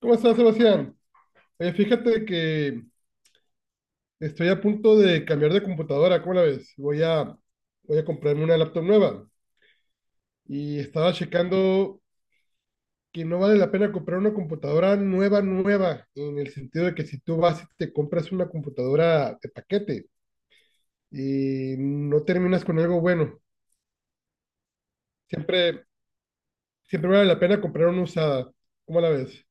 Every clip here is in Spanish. ¿Cómo estás, Sebastián? Oye, fíjate que estoy a punto de cambiar de computadora, ¿cómo la ves? Voy a comprarme una laptop nueva y estaba checando que no vale la pena comprar una computadora nueva, nueva, en el sentido de que si tú vas y te compras una computadora de paquete y no terminas con algo bueno, siempre, siempre vale la pena comprar una usada, ¿cómo la ves?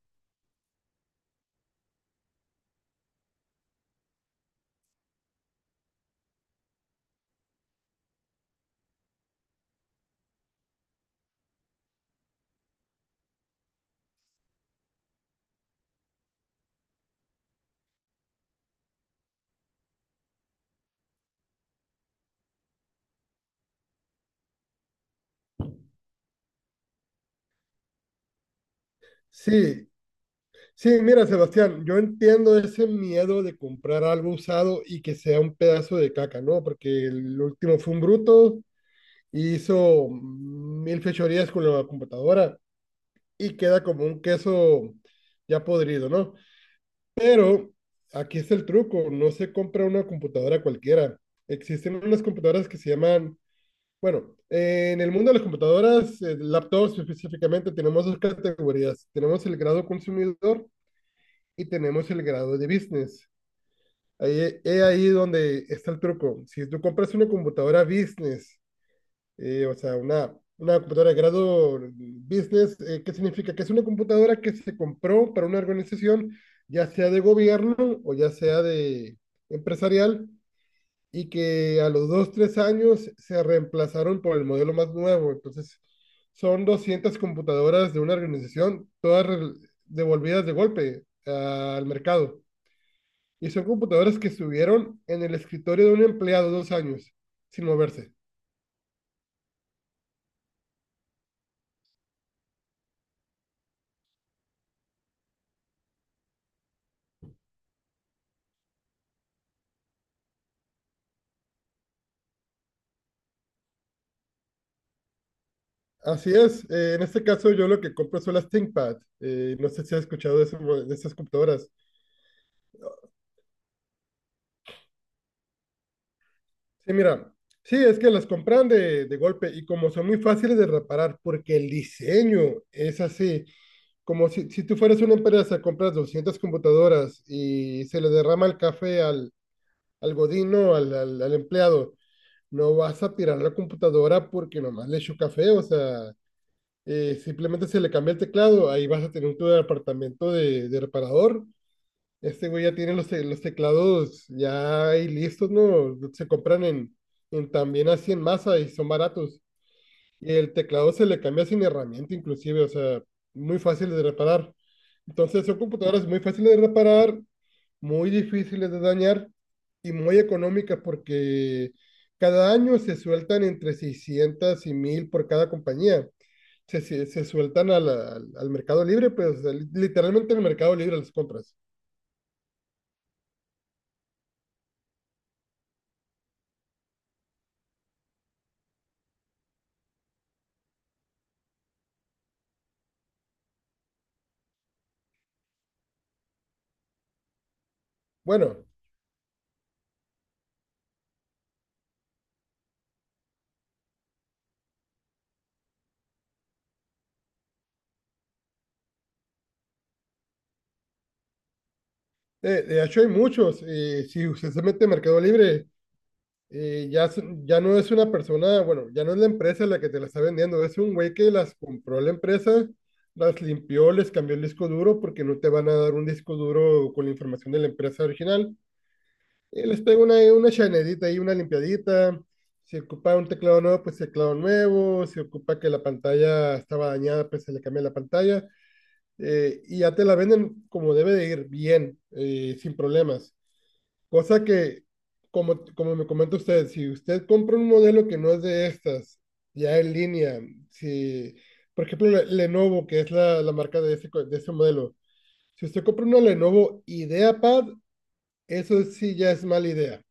Sí, sí, mira, Sebastián, yo entiendo ese miedo de comprar algo usado y que sea un pedazo de caca, ¿no? Porque el último fue un bruto, y hizo mil fechorías con la computadora y queda como un queso ya podrido, ¿no? Pero aquí es el truco, no se compra una computadora cualquiera. Existen unas computadoras que se llaman, bueno, en el mundo de las computadoras, laptops específicamente, tenemos dos categorías. Tenemos el grado consumidor y tenemos el grado de business. Ahí, es ahí donde está el truco. Si tú compras una computadora business, o sea, una computadora de grado business, ¿qué significa? Que es una computadora que se compró para una organización, ya sea de gobierno o ya sea de empresarial, y que a los dos, tres años se reemplazaron por el modelo más nuevo. Entonces, son 200 computadoras de una organización, todas devolvidas de golpe al mercado. Y son computadoras que estuvieron en el escritorio de un empleado 2 años sin moverse. Así es, en este caso yo lo que compro son las ThinkPad. No sé si has escuchado de estas computadoras. Sí, mira, sí, es que las compran de golpe y como son muy fáciles de reparar porque el diseño es así, como si tú fueras una empresa, compras 200 computadoras y se le derrama el café al godino, al empleado, no vas a tirar la computadora porque nomás le echó café, o sea, simplemente se le cambia el teclado, ahí vas a tener tu departamento de reparador. Este güey ya tiene los teclados ya ahí listos, ¿no? Se compran en también así en masa y son baratos. Y el teclado se le cambia sin herramienta inclusive, o sea, muy fácil de reparar. Entonces son computadoras muy fáciles de reparar, muy difíciles de dañar y muy económicas porque cada año se sueltan entre 600 y 1000 por cada compañía se sueltan al mercado libre, pues literalmente en el mercado libre las compras. Bueno, de hecho hay muchos. Si usted se mete en mercado libre, ya no es una persona, bueno, ya no es la empresa la que te la está vendiendo, es un güey que las compró la empresa, las limpió, les cambió el disco duro porque no te van a dar un disco duro con la información de la empresa original. Y les pego una chanedita y una limpiadita. Si ocupa un teclado nuevo, pues teclado nuevo. Si ocupa que la pantalla estaba dañada, pues se le cambia la pantalla. Y ya te la venden como debe de ir, bien, sin problemas. Cosa que, como me comenta usted, si usted compra un modelo que no es de estas, ya en línea, si, por ejemplo, Lenovo, que es la marca de ese modelo, si usted compra una Lenovo IdeaPad, eso sí ya es mala idea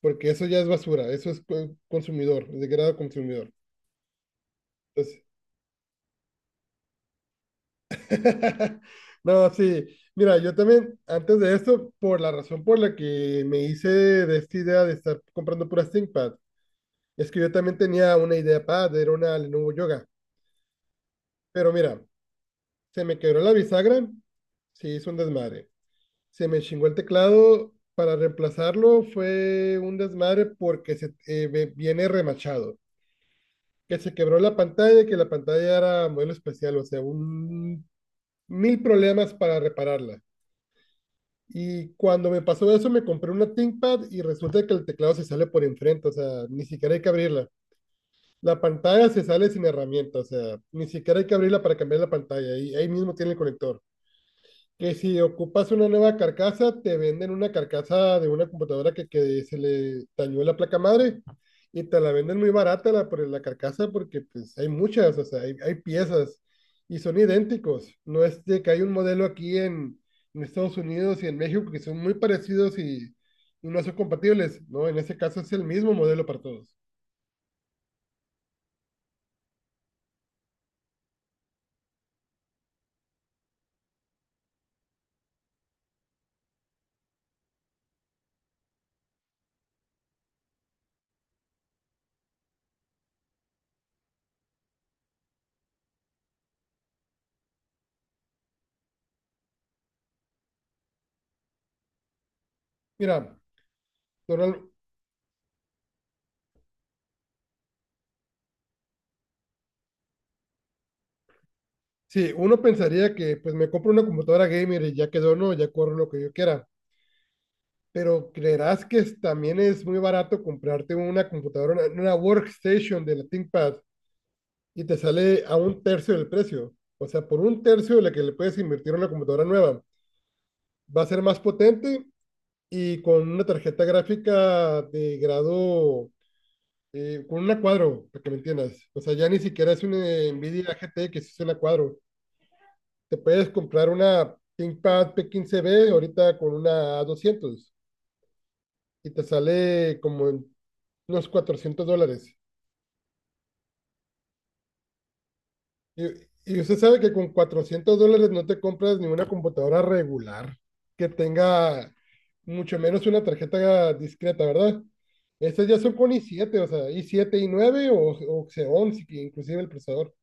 porque eso ya es basura, eso es consumidor, degrado consumidor. Entonces, no, sí, mira, yo también, antes de esto, por la razón por la que me hice de esta idea de estar comprando puras ThinkPad, es que yo también tenía una idea pad, era una Lenovo Yoga, pero mira, se me quebró la bisagra, sí, hizo un desmadre. Se me chingó el teclado, para reemplazarlo fue un desmadre porque viene remachado. Que se quebró la pantalla, que la pantalla era modelo especial, o sea, un mil problemas para repararla. Y cuando me pasó eso, me compré una ThinkPad y resulta que el teclado se sale por enfrente, o sea, ni siquiera hay que abrirla. La pantalla se sale sin herramienta, o sea, ni siquiera hay que abrirla para cambiar la pantalla, y ahí mismo tiene el conector que si ocupas una nueva carcasa, te venden una carcasa de una computadora que se le dañó la placa madre y te la venden muy barata la, por la carcasa porque pues hay muchas, o sea, hay piezas y son idénticos. No es de que hay un modelo aquí en, Estados Unidos y en México que son muy parecidos y no son compatibles, ¿no? En ese caso es el mismo modelo para todos. Mira, Donald, sí, uno pensaría que pues me compro una computadora gamer y ya quedó, ¿no? Ya corro lo que yo quiera. Pero creerás que también es muy barato comprarte una computadora, una workstation de la ThinkPad y te sale a un tercio del precio. O sea, por un tercio de lo que le puedes invertir a una computadora nueva. Va a ser más potente y con una tarjeta gráfica de grado, con una cuadro, para que me entiendas. O sea, ya ni siquiera es una Nvidia GTX, es una cuadro. Te puedes comprar una ThinkPad p quince b ahorita con una a doscientos y te sale como en los $400. Y, y usted sabe que con $400 no te compras ni una computadora regular que tenga mucho menos una tarjeta discreta, ¿verdad? Estas ya son con i7 o sea, i7 i9 o Xeon, inclusive el procesador.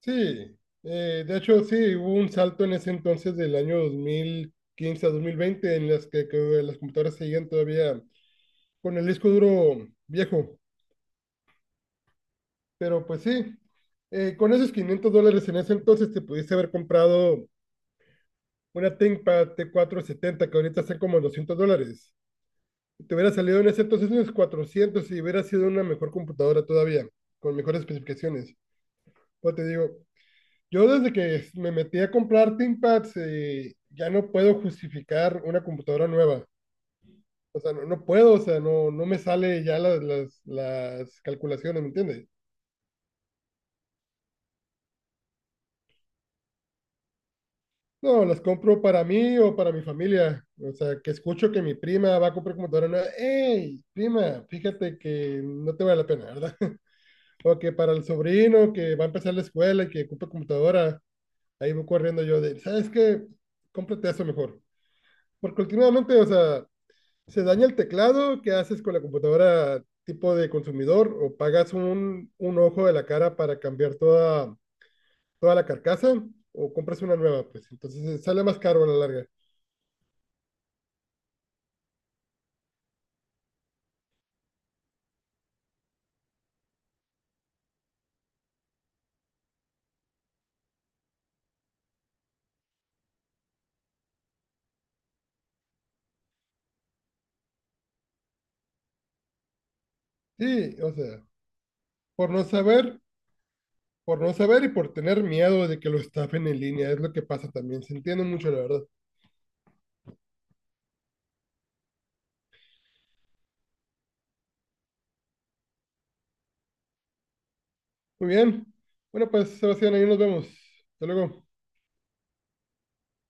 Sí, de hecho sí, hubo un salto en ese entonces del año 2015 a 2020 en las que las computadoras seguían todavía con el disco duro viejo. Pero pues sí, con esos $500 en ese entonces te pudiste haber comprado una ThinkPad T470 que ahorita está como en $200. Te hubiera salido en ese entonces unos 400 y hubiera sido una mejor computadora todavía, con mejores especificaciones. Pero te digo, yo desde que me metí a comprar ThinkPads ya no puedo justificar una computadora nueva. O sea, no, no puedo, o sea, no, no me sale ya las calculaciones, ¿me entiendes? No, las compro para mí o para mi familia. O sea, que escucho que mi prima va a comprar computadora nueva. ¡Ey, prima! Fíjate que no te vale la pena, ¿verdad? O que para el sobrino que va a empezar la escuela y que ocupa computadora, ahí voy corriendo yo de, ¿sabes qué? Cómprate eso mejor. Porque últimamente, o sea, se daña el teclado, ¿qué haces con la computadora tipo de consumidor? ¿O pagas un ojo de la cara para cambiar toda, toda la carcasa? ¿O compras una nueva? Pues entonces sale más caro a la larga. Sí, o sea, por no saber, por no saber y por tener miedo de que lo estafen en línea, es lo que pasa también. Se entiende mucho, la verdad. Muy bien. Bueno, pues, Sebastián, ahí nos vemos. Hasta luego.